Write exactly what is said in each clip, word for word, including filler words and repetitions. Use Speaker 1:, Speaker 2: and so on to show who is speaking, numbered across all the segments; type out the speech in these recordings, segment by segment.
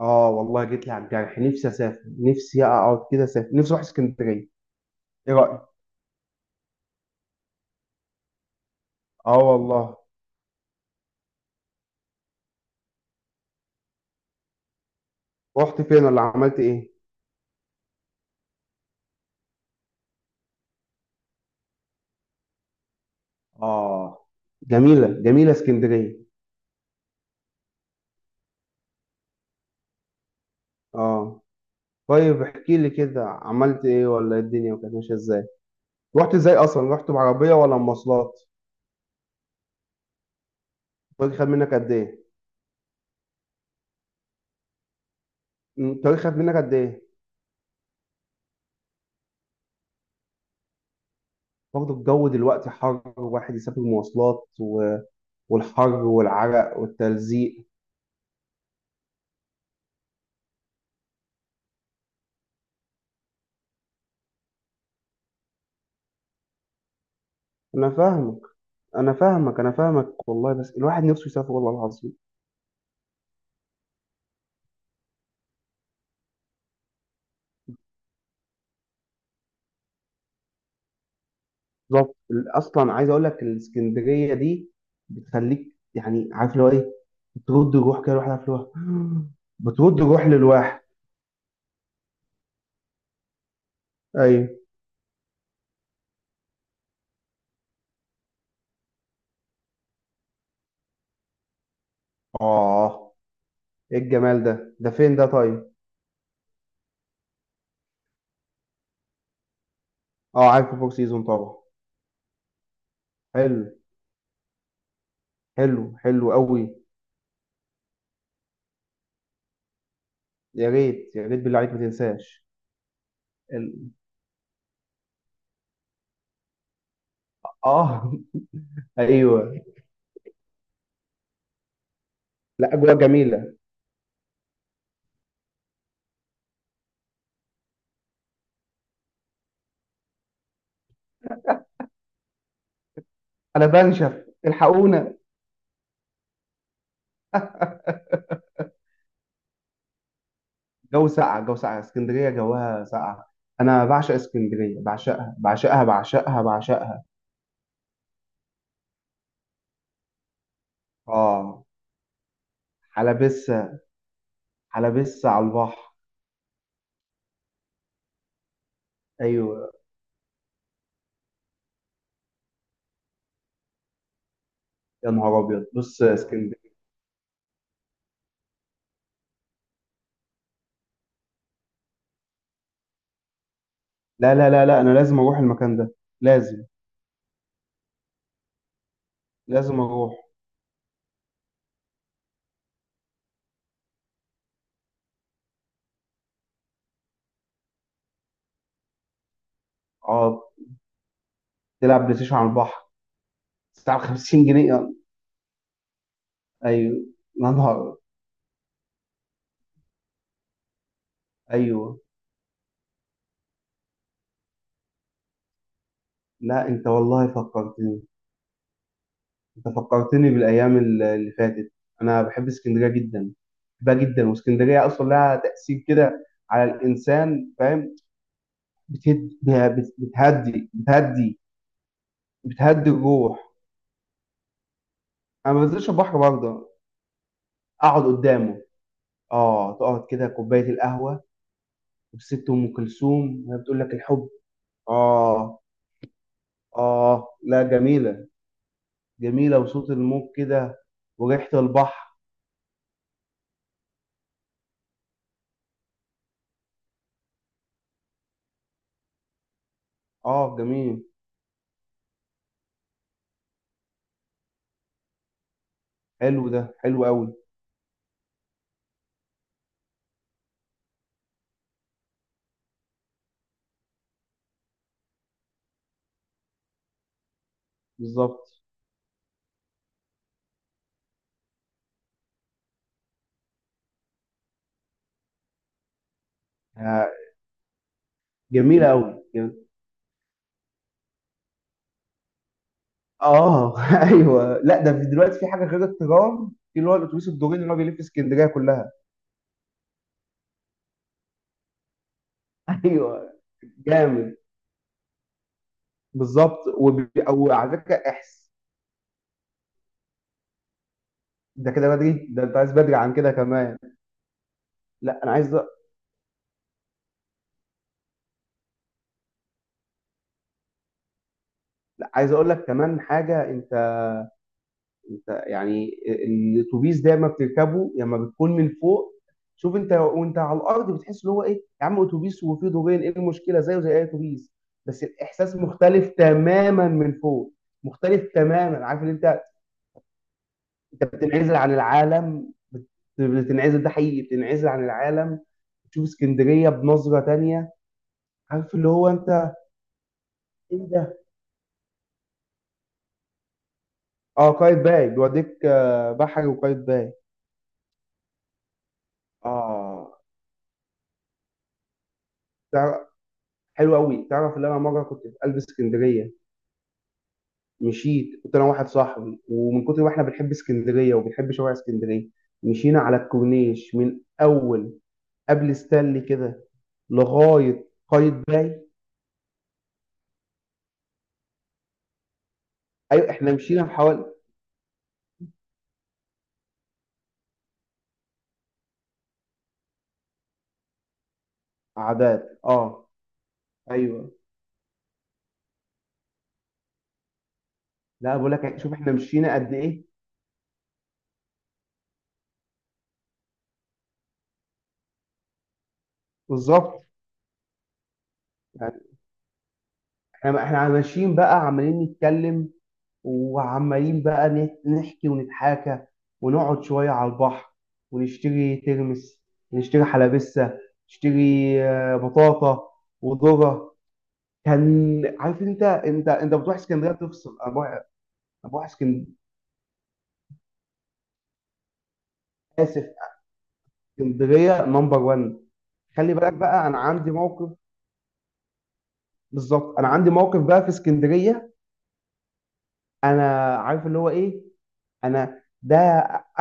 Speaker 1: اه والله جيت لي على الجرح. نفسي اسافر، نفسي اقعد كده اسافر، نفسي اروح اسكندريه. ايه رايك؟ اه والله. رحت فين ولا عملت ايه؟ اه. جميله جميله اسكندريه. اه طيب احكي لي كده عملت ايه، ولا إيه الدنيا كانت ماشيه ازاي؟ رحت ازاي اصلا، رحت بعربيه ولا مواصلات؟ الطريق خد منك قد ايه؟ أمم، الطريق خد منك قد ايه؟ برضه الجو دلوقتي حر، واحد يسافر مواصلات و... والحر والعرق والتلزيق. انا فاهمك، انا فاهمك انا فاهمك والله، بس الواحد نفسه يسافر والله العظيم. بالظبط، ال- اصلا عايز اقول لك، الاسكندريه دي بتخليك يعني عارف اللي هو ايه. بترد الروح كده، الواحد عارف اللي هو بترد الروح للواحد. ايوه. اه. ايه الجمال ده؟ ده فين ده طيب؟ اه عارف فور سيزون طبعا. حلو حلو، حلو قوي. يا ريت يا ريت بالله عليك ما تنساش. ال... اه ايوه. لا اجواء جميله. انا بنشف، الحقونا. جو ساقع، جو ساقع، اسكندريه جواها ساقع. انا بعشق اسكندريه، بعشقها بعشقها بعشقها بعشقها. اه. حلبسه. حلبسه على البحر. ايوه. يا نهار ابيض، بص يا اسكندريه. لا لا لا لا، انا لازم اروح المكان ده. لازم، لازم اروح. اه، تلعب بلاي ستيشن على البحر؟ تلعب خمسين جنيه! ايوه. يا نهار. ايوه. لا انت والله فكرتني، انت فكرتني بالايام ال- اللي فاتت. انا بحب اسكندريه جدا، بحبها جدا. واسكندريه اصلا لها تاثير كده على الانسان فاهم. بتهد، بت- بتهدي بتهدي. بتهدي الروح. انا ما بنزلش البحر برضه، اقعد قدامه. اه تقعد كده، كوبايه القهوه وست ام كلثوم وهي بتقول لك الحب. اه. اه لا جميله. جميله، وصوت الموج كده، وريحه البحر. اه جميل. حلو ده، حلو قوي. بالظبط. جميلة أوي، جم- آه أيوه. لا ده في دلوقتي، في حاجة غير الترام، في اللي هو الأتوبيس الدورين اللي هو بيلف اسكندرية كلها. أيوه. جامد. بالظبط. وب... أو على فكرة إحس. ده كده بدري، ده أنت عايز بدري عن كده كمان؟ لا أنا عايز أ- لا، عايز أقول لك كمان حاجة أنت. انت يعني الاتوبيس ده ما بتركبه لما بتكون من فوق. شوف، انت وانت على الارض بتحس ان هو ايه، يا عم اتوبيس وفيه دورين، ايه المشكله، زيه زي اي اتوبيس. بس الاحساس مختلف تماما من فوق. مختلف تماما، عارف ان انت. انت بتنعزل عن العالم، بت- بتنعزل، ده حقيقي بتنعزل عن العالم. بتشوف اسكندريه بنظره تانية. عارف اللي هو انت. ايه ده. اه، قايتباي بيوديك آه، بحري وقايتباي. اه. حلو قوي. تعرف ان انا مره كنت في قلب اسكندريه، مشيت، كنت انا واحد صاحبي، ومن كتر ما احنا بنحب اسكندريه وبنحب شوارع اسكندريه مشينا على الكورنيش، من اول قبل ستانلي كده لغايه قايد باي. ايوه احنا مشينا حوالي. عادات اه. ايوه. لا بقول لك، شوف احنا مشينا قد ايه. بالظبط يعني. احنا احنا ماشيين بقى، عمالين نتكلم وعمالين بقى نت- نحكي ونتحاكى، ونقعد شوية على البحر، ونشتري ترمس، ونشتري حلبسة، نشتري آه، بطاطا وذرة. كان عارف، انت انت انت بتروح اسكندريه تفصل، انا بروح، انا بروح اسكندريه. اسف. اسكندريه نمبر ون. خلي بالك بقى، انا عندي موقف. بالظبط انا عندي موقف بقى في اسكندريه. انا عارف اللي هو ايه. انا ده،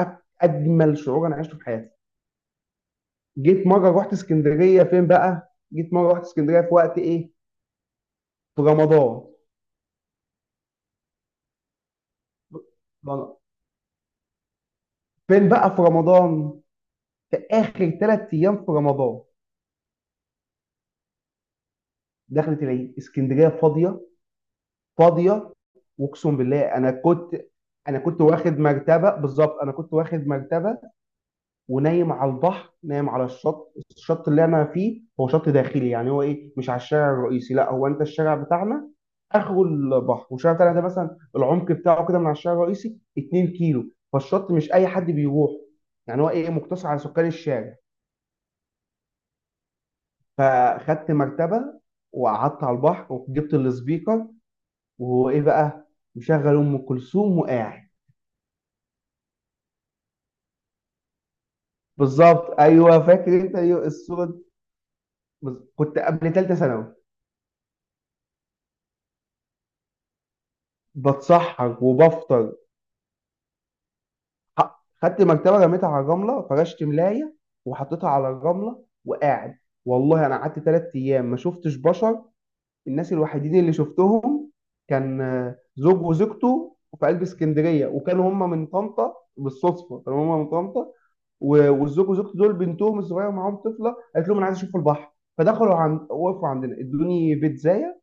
Speaker 1: أك- اجمل شعور انا عشته في حياتي. جيت مره رحت اسكندريه، فين بقى؟ جيت مره رحت اسكندريه في وقت ايه؟ في رمضان. فين بقى في رمضان؟ في اخر ثلاث ايام في رمضان. دخلت العيد، اسكندريه فاضيه، فاضيه. واقسم بالله انا كنت، انا كنت واخد مرتبه، بالظبط انا كنت واخد مرتبه ونايم على البحر، نايم على الشط. الشط اللي انا فيه هو شط داخلي، يعني هو ايه، مش على الشارع الرئيسي، لا، هو انت الشارع بتاعنا اخره البحر، والشارع بتاعنا ده مثلا العمق بتاعه كده من على الشارع الرئيسي اتنين كيلو، فالشط مش اي حد بيروح، يعني هو ايه، مقتصر على سكان الشارع. فخدت مرتبه وقعدت على البحر، وجبت السبيكر وهو ايه بقى مشغل ام كلثوم وقاعد. بالظبط. ايوه فاكر انت. الصوره دي؟ بز- كنت قبل ثالثه ثانوي. بتسحر وبفطر. ح- خدت مرتبه رميتها على الرمله، فرشت ملايه وحطيتها على الرمله وقاعد. والله انا قعدت ثلاث ايام ما شفتش بشر. الناس الوحيدين اللي شفتهم كان آه، زوج وزوجته في قلب اسكندريه، وكانوا هم من طنطا، بالصدفه كانوا هم من طنطا. و- والزوج وزوجته دول بنتهم الصغيره معاهم، طفله قالت لهم انا عايز اشوف البحر، فدخلوا عند، وقفوا عندنا، ادوني بيتزايه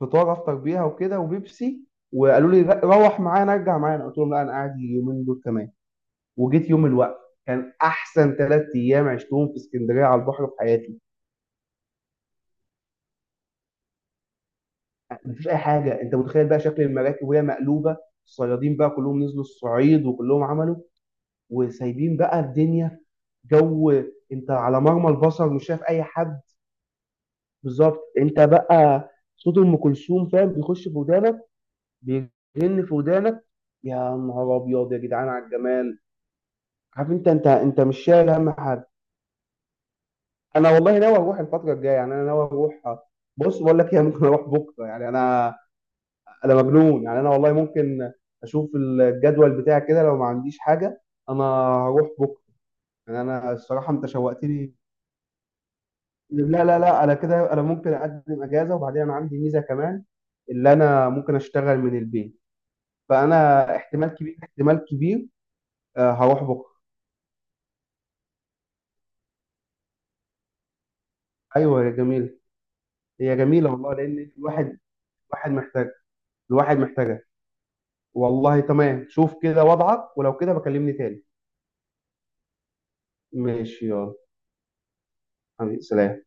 Speaker 1: فطار افطر بيها وكده، وبيبسي. وقالوا لي روح معانا، ارجع معانا، قلت لهم لا انا قاعد اليومين دول كمان. وجيت يوم الوقفه. كان احسن ثلاث ايام عشتهم في اسكندريه على البحر في حياتي. مفيش اي حاجه. انت متخيل بقى شكل المراكب وهي مقلوبه، الصيادين بقى كلهم نزلوا الصعيد وكلهم عملوا، وسايبين بقى الدنيا. جو. انت على مرمى البصر مش شايف اي حد. بالظبط. انت بقى صوت ام كلثوم فاهم بيخش في ودانك، بيرن في ودانك. يا نهار ابيض يا جدعان على الجمال. عارف انت، انت انت مش شايل هم حاجه. انا والله ناوي اروح الفتره الجايه، يعني انا ناوي اروح. بص بقول لك ايه ممكن اروح بكره، يعني انا، انا مجنون، يعني انا والله ممكن اشوف الجدول بتاعي كده، لو ما عنديش حاجه انا هروح بكره. يعني انا الصراحه انت شوقتني. لا لا لا، انا كده انا ممكن اقدم اجازه، وبعدين انا عندي ميزه كمان، اللي انا ممكن اشتغل من البيت. فانا احتمال كبير، احتمال كبير آه، هروح بكره. ايوه يا جميل. هي جميله والله، لان الواحد، الواحد محتاج، الواحد محتاج. والله تمام، شوف كده وضعك ولو كده بكلمني تاني. ماشي يلا، حبيبي سلام.